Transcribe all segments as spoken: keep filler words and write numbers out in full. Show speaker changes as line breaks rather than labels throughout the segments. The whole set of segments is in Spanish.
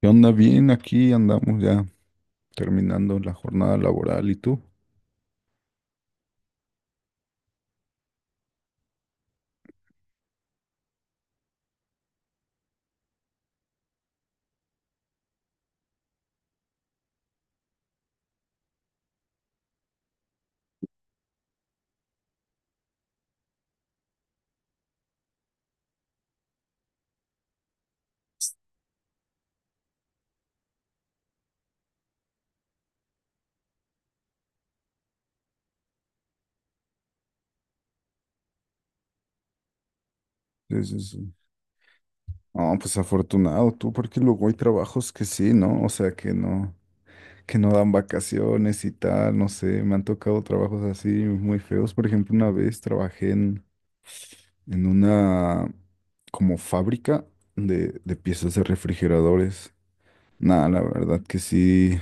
¿Qué onda? Bien, aquí andamos ya terminando la jornada laboral. ¿Y tú? Sí, sí, sí. No, pues afortunado tú, porque luego hay trabajos que sí, ¿no? O sea, que no, que no, dan vacaciones y tal, no sé, me han tocado trabajos así muy feos. Por ejemplo, una vez trabajé en, en, una como fábrica de, de piezas de refrigeradores. Nada, la verdad que sí,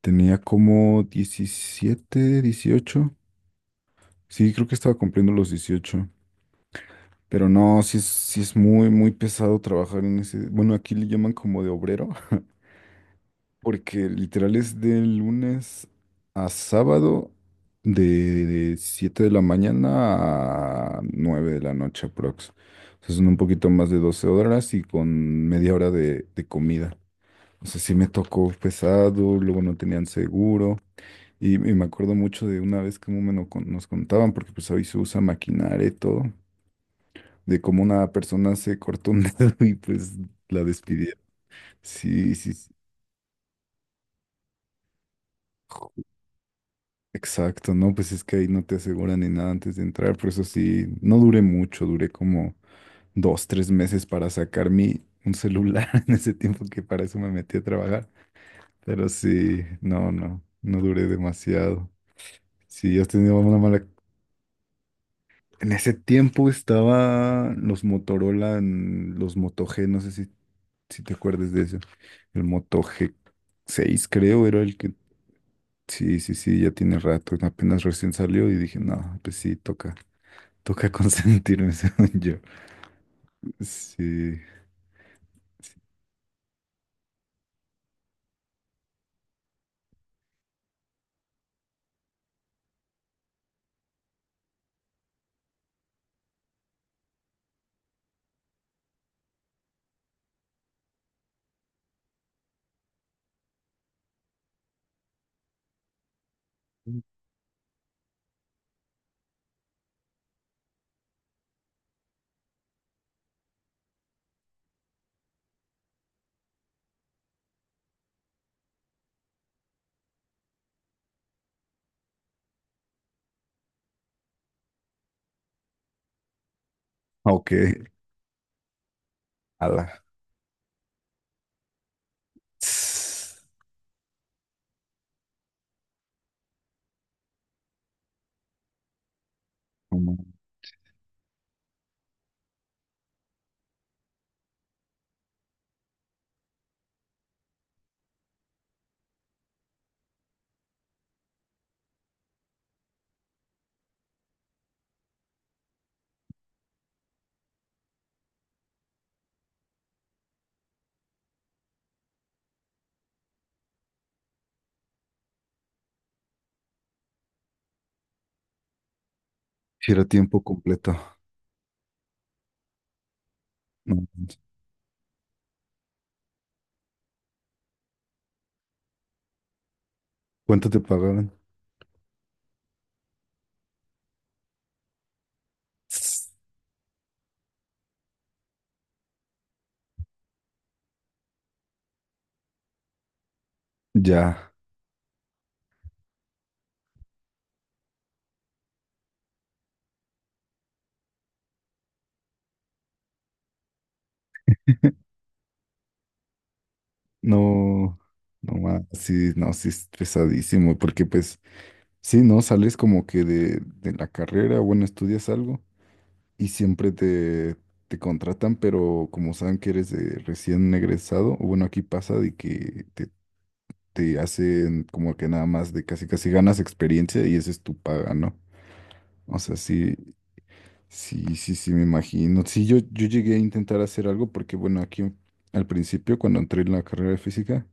tenía como diecisiete, dieciocho. Sí, creo que estaba cumpliendo los dieciocho. Pero no, sí es, sí es muy, muy pesado trabajar en ese. Bueno, aquí le llaman como de obrero, porque literal es de lunes a sábado, de siete de la mañana a nueve de la noche, aprox. O sea, son un poquito más de doce horas y con media hora de, de comida. O sea, sí me tocó pesado, luego no tenían seguro. Y, y me acuerdo mucho de una vez que me lo con- nos contaban, porque pues hoy se usa maquinaria y todo de cómo una persona se cortó un dedo y pues la despidieron. Sí, sí, sí. Exacto, no, pues es que ahí no te aseguran ni nada antes de entrar, por eso sí, no duré mucho, duré como dos, tres meses para sacar mi un celular en ese tiempo que para eso me metí a trabajar, pero sí, no, no, no duré demasiado. Si has tenido una mala. En ese tiempo estaban los Motorola, en los Moto G, no sé si, si, te acuerdas de eso. El Moto g seis creo era el que. Sí, sí, sí, ya tiene rato. Apenas recién salió y dije, no, pues sí, toca, toca consentirme, según yo. Sí, ok, ala. Como. Si era tiempo completo. No. ¿Cuánto te pagaban? Tss. Ya, no, no más, sí, no, sí, es pesadísimo, porque pues. Sí, ¿no? Sales como que de, de, la carrera, bueno, estudias algo y siempre te, te contratan, pero como saben que eres de recién egresado, o bueno, aquí pasa de que te, te hacen como que nada más de casi casi ganas experiencia y esa es tu paga, ¿no? O sea, sí, sí, sí, sí, me imagino. Sí, yo, yo llegué a intentar hacer algo porque, bueno, aquí al principio, cuando entré en la carrera de física,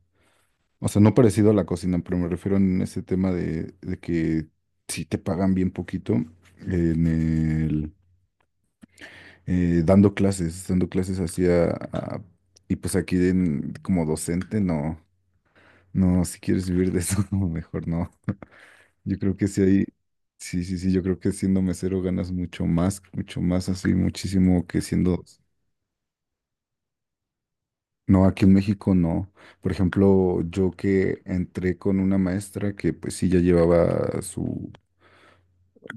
o sea, no parecido a la cocina, pero me refiero en ese tema de, de que si te pagan bien poquito en el, eh, dando clases, dando clases así a, a- y pues aquí en- como docente, no, no, si quieres vivir de eso, no, mejor no. Yo creo que sí hay, sí, sí, sí, yo creo que siendo mesero ganas mucho más, mucho más así, muchísimo que siendo. doc- No, aquí en México no. Por ejemplo, yo que entré con una maestra que pues sí ya llevaba su.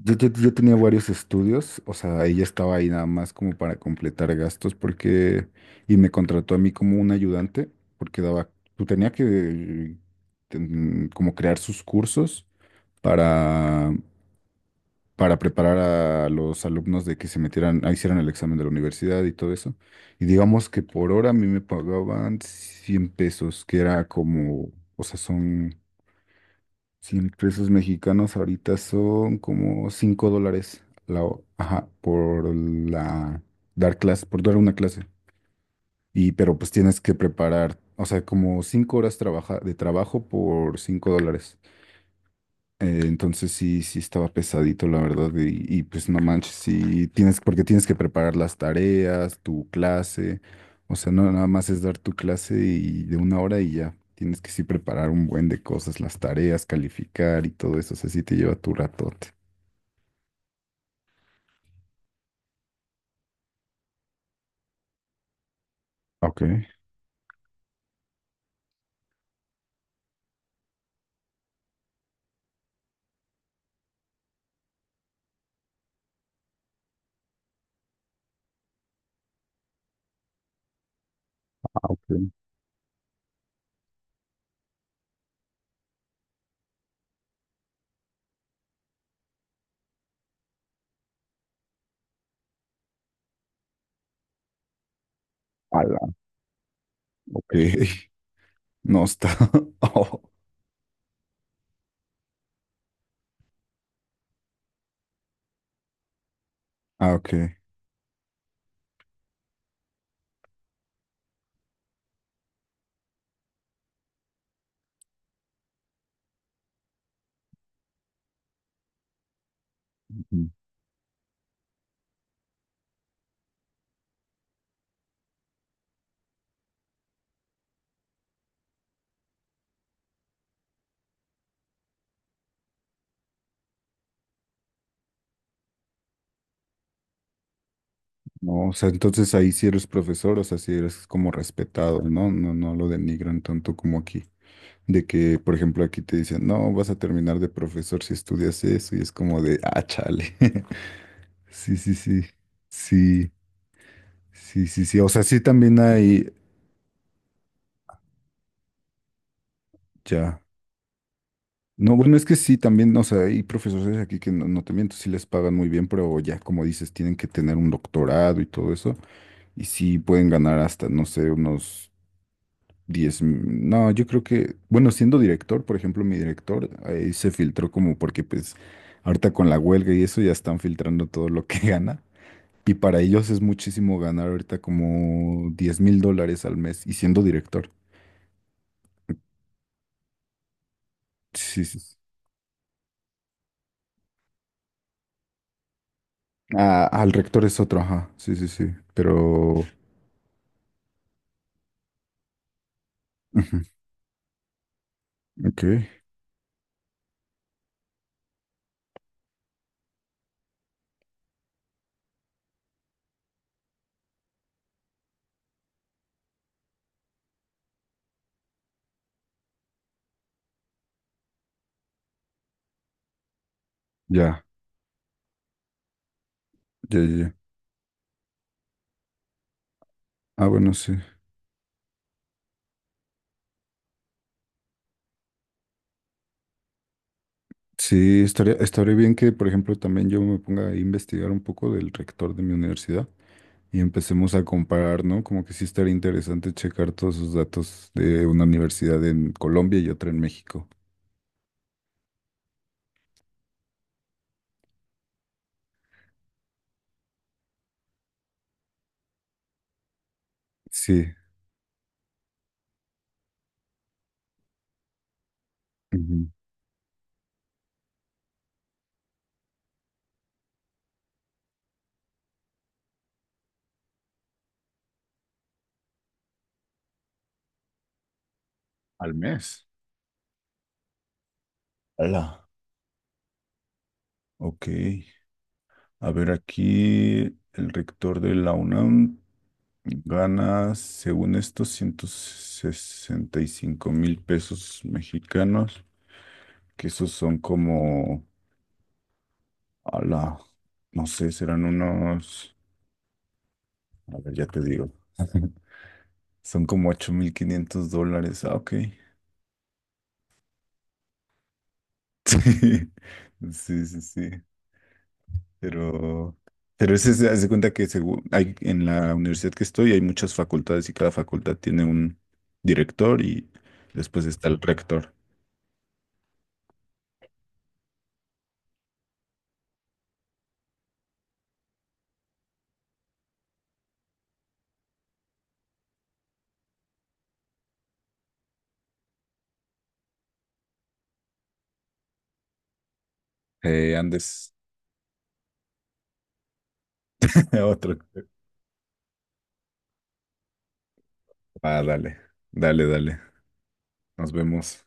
Yo, yo- yo tenía varios estudios, o sea, ella estaba ahí nada más como para completar gastos porque, y me contrató a mí como un ayudante, porque daba, tú tenía que ten- como crear sus cursos para, para preparar a los alumnos de que se metieran, a hicieran el examen de la universidad y todo eso. Y digamos que por hora a mí me pagaban cien pesos, que era como, o sea, son cien pesos mexicanos ahorita son como cinco dólares la, ho- ajá, por la dar clase, por dar una clase. Y pero pues tienes que preparar, o sea, como cinco horas trabaja, de trabajo por cinco dólares. Eh, entonces sí, sí estaba pesadito, la verdad, y, y, pues no manches, sí tienes, porque tienes que preparar las tareas, tu clase, o sea, no nada más es dar tu clase y de una hora y ya, tienes que sí preparar un buen de cosas, las tareas, calificar y todo eso, o sea, sí te lleva tu ratote. Ok, ah, ok, ala, ok, no está, oh, ah, ok, ujú. No, o sea, entonces ahí sí eres profesor, o sea, sí eres como respetado, ¿no? No, no lo denigran tanto como aquí. De que, por ejemplo, aquí te dicen, no, vas a terminar de profesor si estudias eso, y es como de, ah, chale. Sí, sí, sí. Sí, sí, sí, sí. O sea, sí también hay, ya. No, bueno, es que sí, también, o sea, hay profesores aquí que no, no te miento, sí les pagan muy bien, pero ya, como dices, tienen que tener un doctorado y todo eso. Y sí pueden ganar hasta, no sé, unos diez no, yo creo que, bueno, siendo director, por ejemplo, mi director, ahí se filtró como porque pues ahorita con la huelga y eso ya están filtrando todo lo que gana. Y para ellos es muchísimo ganar ahorita como diez mil dólares al mes y siendo director. Sí, sí. Sí. Ah, al rector es otro, ajá. Sí, sí, sí. Pero, ujú, ok, ya, ya, ya. Ya. Ah, bueno, sí. Sí, estaría, estaría bien que, por ejemplo, también yo me ponga a investigar un poco del rector de mi universidad y empecemos a comparar, ¿no? Como que sí estaría interesante checar todos esos datos de una universidad en Colombia y otra en México. Sí. Ujú. Al mes. Hola. Ok. A ver, aquí el rector de la UNAM gana, según esto, ciento sesenta y cinco mil pesos mexicanos, que esos son como, ala, no sé, serán unos, a ver, ya te digo. Son como ocho mil quinientos dólares. Ah, ok. Sí, sí, sí. Sí. Pero, pero ese se hace cuenta que según hay, en la universidad que estoy hay muchas facultades y cada facultad tiene un director y después está el rector. Eh, Andes, otro. Ah, dale, dale, dale. Nos vemos.